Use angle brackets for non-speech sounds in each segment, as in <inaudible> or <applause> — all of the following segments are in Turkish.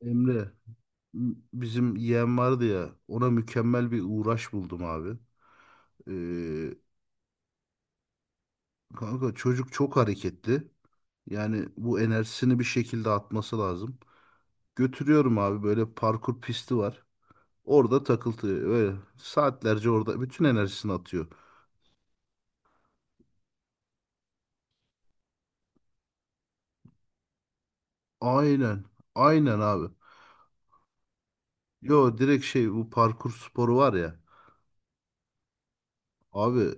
Emre, bizim yeğen vardı ya ona mükemmel bir uğraş buldum abi. Ee, kanka çocuk çok hareketli. Yani bu enerjisini bir şekilde atması lazım. Götürüyorum abi böyle parkur pisti var. Orada takıltı öyle saatlerce orada bütün enerjisini atıyor. Aynen aynen abi. Yo direkt şey bu parkur sporu var ya. Abi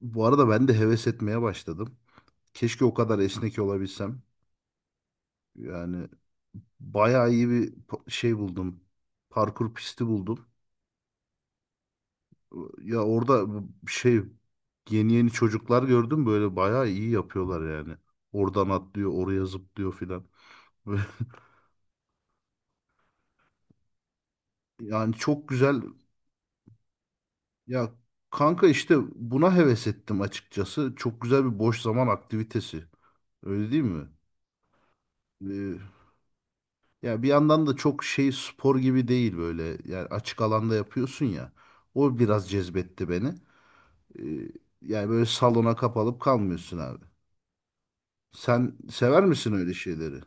bu arada ben de heves etmeye başladım. Keşke o kadar esnek olabilsem. Yani bayağı iyi bir şey buldum. Parkur pisti buldum. Ya orada bu şey yeni yeni çocuklar gördüm böyle bayağı iyi yapıyorlar yani. Oradan atlıyor, oraya zıplıyor filan. Böyle- <laughs> Yani çok güzel. Ya kanka işte buna heves ettim açıkçası. Çok güzel bir boş zaman aktivitesi. Öyle değil mi? Ee, ya bir yandan da çok şey spor gibi değil böyle. Yani açık alanda yapıyorsun ya. O biraz cezbetti beni. Ee, yani böyle salona kapalıp kalmıyorsun abi. Sen sever misin öyle şeyleri?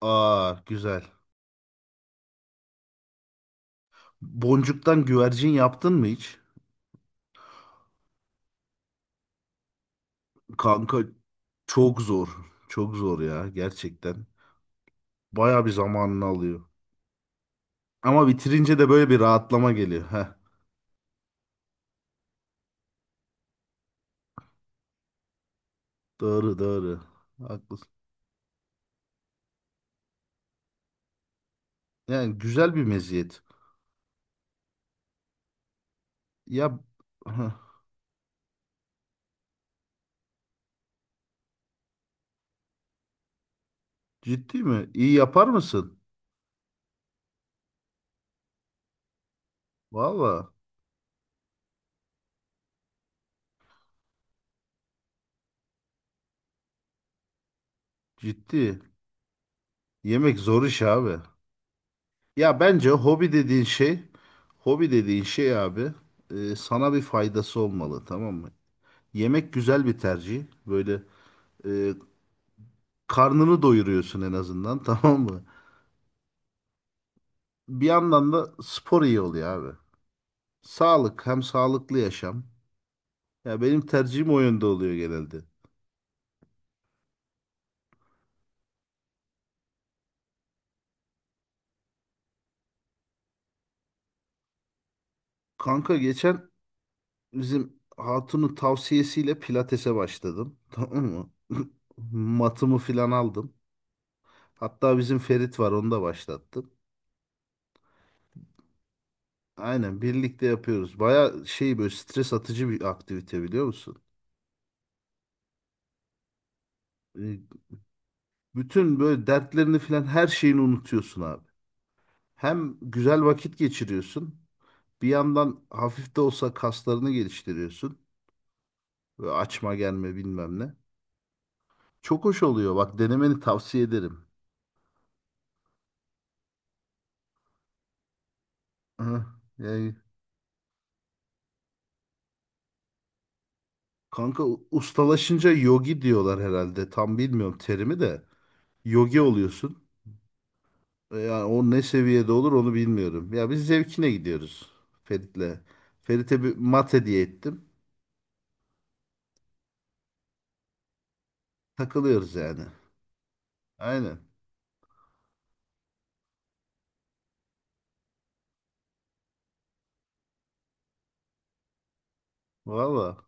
Aa güzel. Boncuktan güvercin yaptın mı hiç? Kanka çok zor. Çok zor ya gerçekten. Baya bir zamanını alıyor. Ama bitirince de böyle bir rahatlama geliyor. Heh, doğru doğru. Haklısın. Yani güzel bir meziyet. Ya heh, ciddi mi? İyi yapar mısın? Valla ciddi. Yemek zor iş abi. Ya bence hobi dediğin şey, hobi dediğin şey abi, sana bir faydası olmalı, tamam mı? Yemek güzel bir tercih. Böyle e, karnını doyuruyorsun en azından, <laughs> tamam mı? Bir yandan da spor iyi oluyor abi. Sağlık hem sağlıklı yaşam. Ya benim tercihim o yönde oluyor genelde. Kanka geçen bizim hatunun tavsiyesiyle pilatese başladım, <laughs> tamam mı? <laughs> Matımı filan aldım. Hatta bizim Ferit var onu da başlattım. Aynen birlikte yapıyoruz. Baya şey böyle stres atıcı bir aktivite, biliyor musun? E, Bütün böyle dertlerini falan her şeyini unutuyorsun abi. Hem güzel vakit geçiriyorsun. Bir yandan hafif de olsa kaslarını geliştiriyorsun. Böyle açma gelme bilmem ne. Çok hoş oluyor. Bak denemeni tavsiye ederim. Hı, Yani kanka ustalaşınca yogi diyorlar herhalde. Tam bilmiyorum terimi de. Yogi oluyorsun. Yani o ne seviyede olur onu bilmiyorum. Ya biz zevkine gidiyoruz Ferit'le. Ferit'e bir mat hediye ettim. Takılıyoruz yani. Aynen. Valla.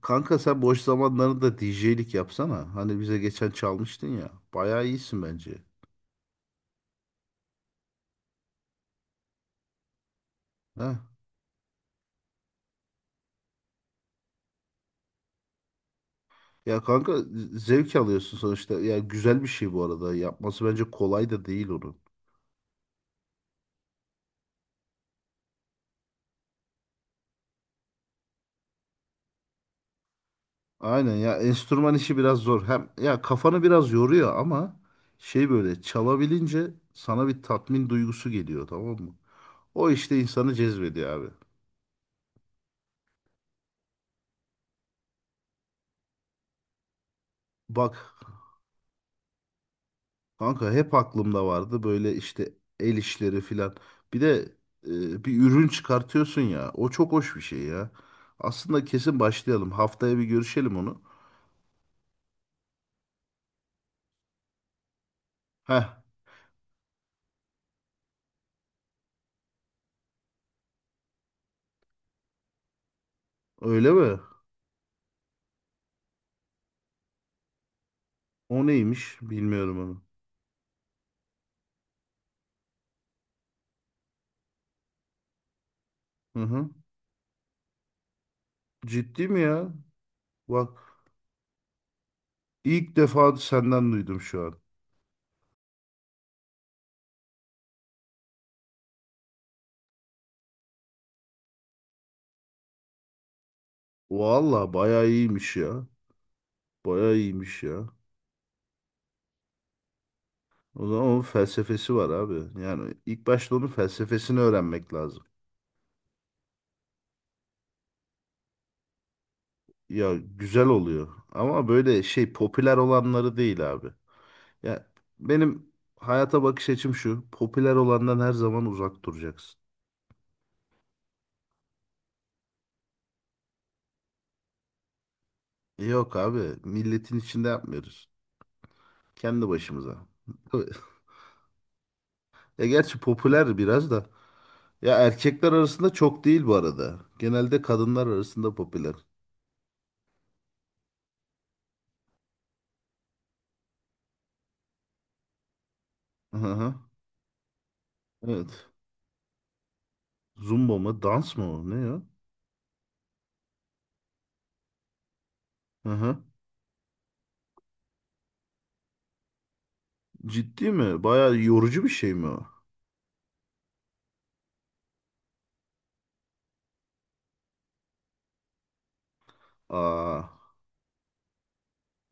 Kanka sen boş zamanlarında DJ'lik yapsana. Hani bize geçen çalmıştın ya. Bayağı iyisin bence. Ha? Ya kanka zevk alıyorsun sonuçta. Ya güzel bir şey bu arada. Yapması bence kolay da değil onu. Aynen ya enstrüman işi biraz zor. Hem ya kafanı biraz yoruyor ama şey böyle çalabilince sana bir tatmin duygusu geliyor, tamam mı? O işte insanı cezbediyor abi. Bak kanka hep aklımda vardı böyle işte el işleri filan. Bir de bir ürün çıkartıyorsun ya. O çok hoş bir şey ya. Aslında kesin başlayalım. Haftaya bir görüşelim onu. Heh, öyle mi? O neymiş? Bilmiyorum onu. Hı hı. Ciddi mi ya? Bak, İlk defa senden duydum şu an. Valla bayağı iyiymiş ya. Bayağı iyiymiş ya. O zaman onun felsefesi var abi. Yani ilk başta onun felsefesini öğrenmek lazım. Ya güzel oluyor. Ama böyle şey popüler olanları değil abi. Ya benim hayata bakış açım şu. Popüler olandan her zaman uzak duracaksın. Yok abi milletin içinde yapmıyoruz. Kendi başımıza. <laughs> E gerçi popüler biraz da. Ya erkekler arasında çok değil bu arada. Genelde kadınlar arasında popüler. Hı-hı. Evet. Zumba mı? Dans mı o? Ne ya? Hı-hı. Ciddi mi? Bayağı yorucu bir şey mi o? Aa,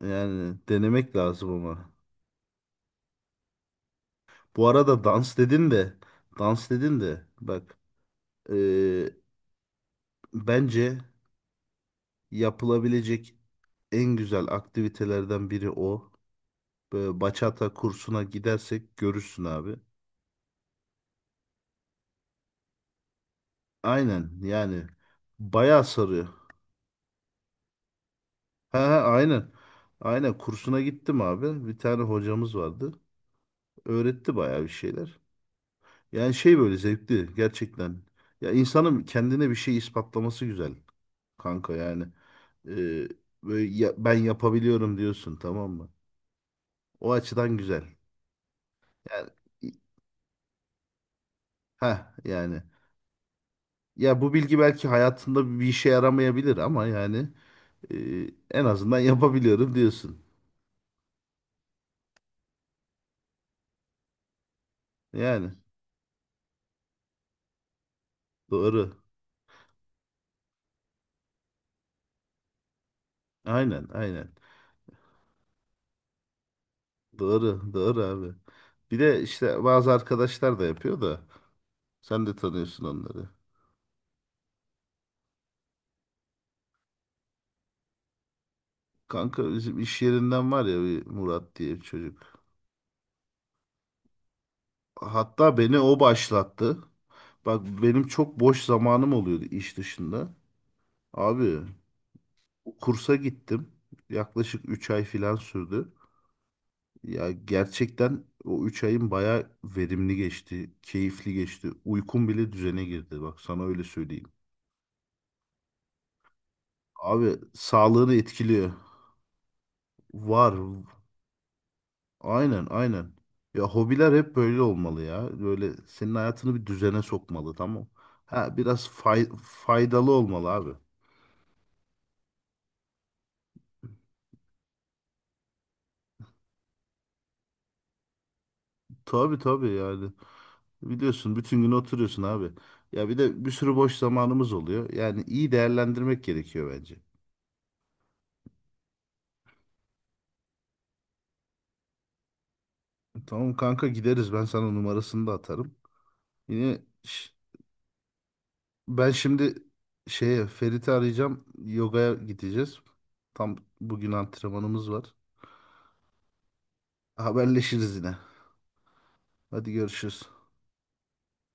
yani denemek lazım ama. Bu arada dans dedin de, dans dedin de bak, eee, bence yapılabilecek en güzel aktivitelerden biri o. Böyle bachata kursuna gidersek görürsün abi. Aynen yani bayağı sarıyor. Ha, ha, aynen. Aynen kursuna gittim abi. Bir tane hocamız vardı. Öğretti bayağı bir şeyler. Yani şey böyle zevkli gerçekten. Ya insanın kendine bir şey ispatlaması güzel kanka yani. Ee, böyle ben yapabiliyorum diyorsun, tamam mı? O açıdan güzel. Yani ha yani ya bu bilgi belki hayatında bir işe yaramayabilir ama yani, e, en azından <laughs> yapabiliyorum diyorsun. Yani doğru. Aynen aynen. Doğru, doğru abi. Bir de işte bazı arkadaşlar da yapıyor da sen de tanıyorsun onları. Kanka bizim iş yerinden var ya bir Murat diye bir çocuk. Hatta beni o başlattı. Bak benim çok boş zamanım oluyordu iş dışında. Abi kursa gittim. Yaklaşık 3 ay falan sürdü. Ya gerçekten o 3 ayın bayağı verimli geçti, keyifli geçti. Uykum bile düzene girdi. Bak sana öyle söyleyeyim. Abi sağlığını etkiliyor. Var. Aynen aynen. Ya hobiler hep böyle olmalı ya. Böyle senin hayatını bir düzene sokmalı, tamam. Ha, biraz faydalı olmalı abi. Tabii tabii yani. Biliyorsun bütün gün oturuyorsun abi. Ya bir de bir sürü boş zamanımız oluyor. Yani iyi değerlendirmek gerekiyor bence. Tamam kanka gideriz. Ben sana numarasını da atarım. Yine ben şimdi şeye Ferit'i arayacağım. Yogaya gideceğiz. Tam bugün antrenmanımız var. Haberleşiriz yine. Hadi görüşürüz.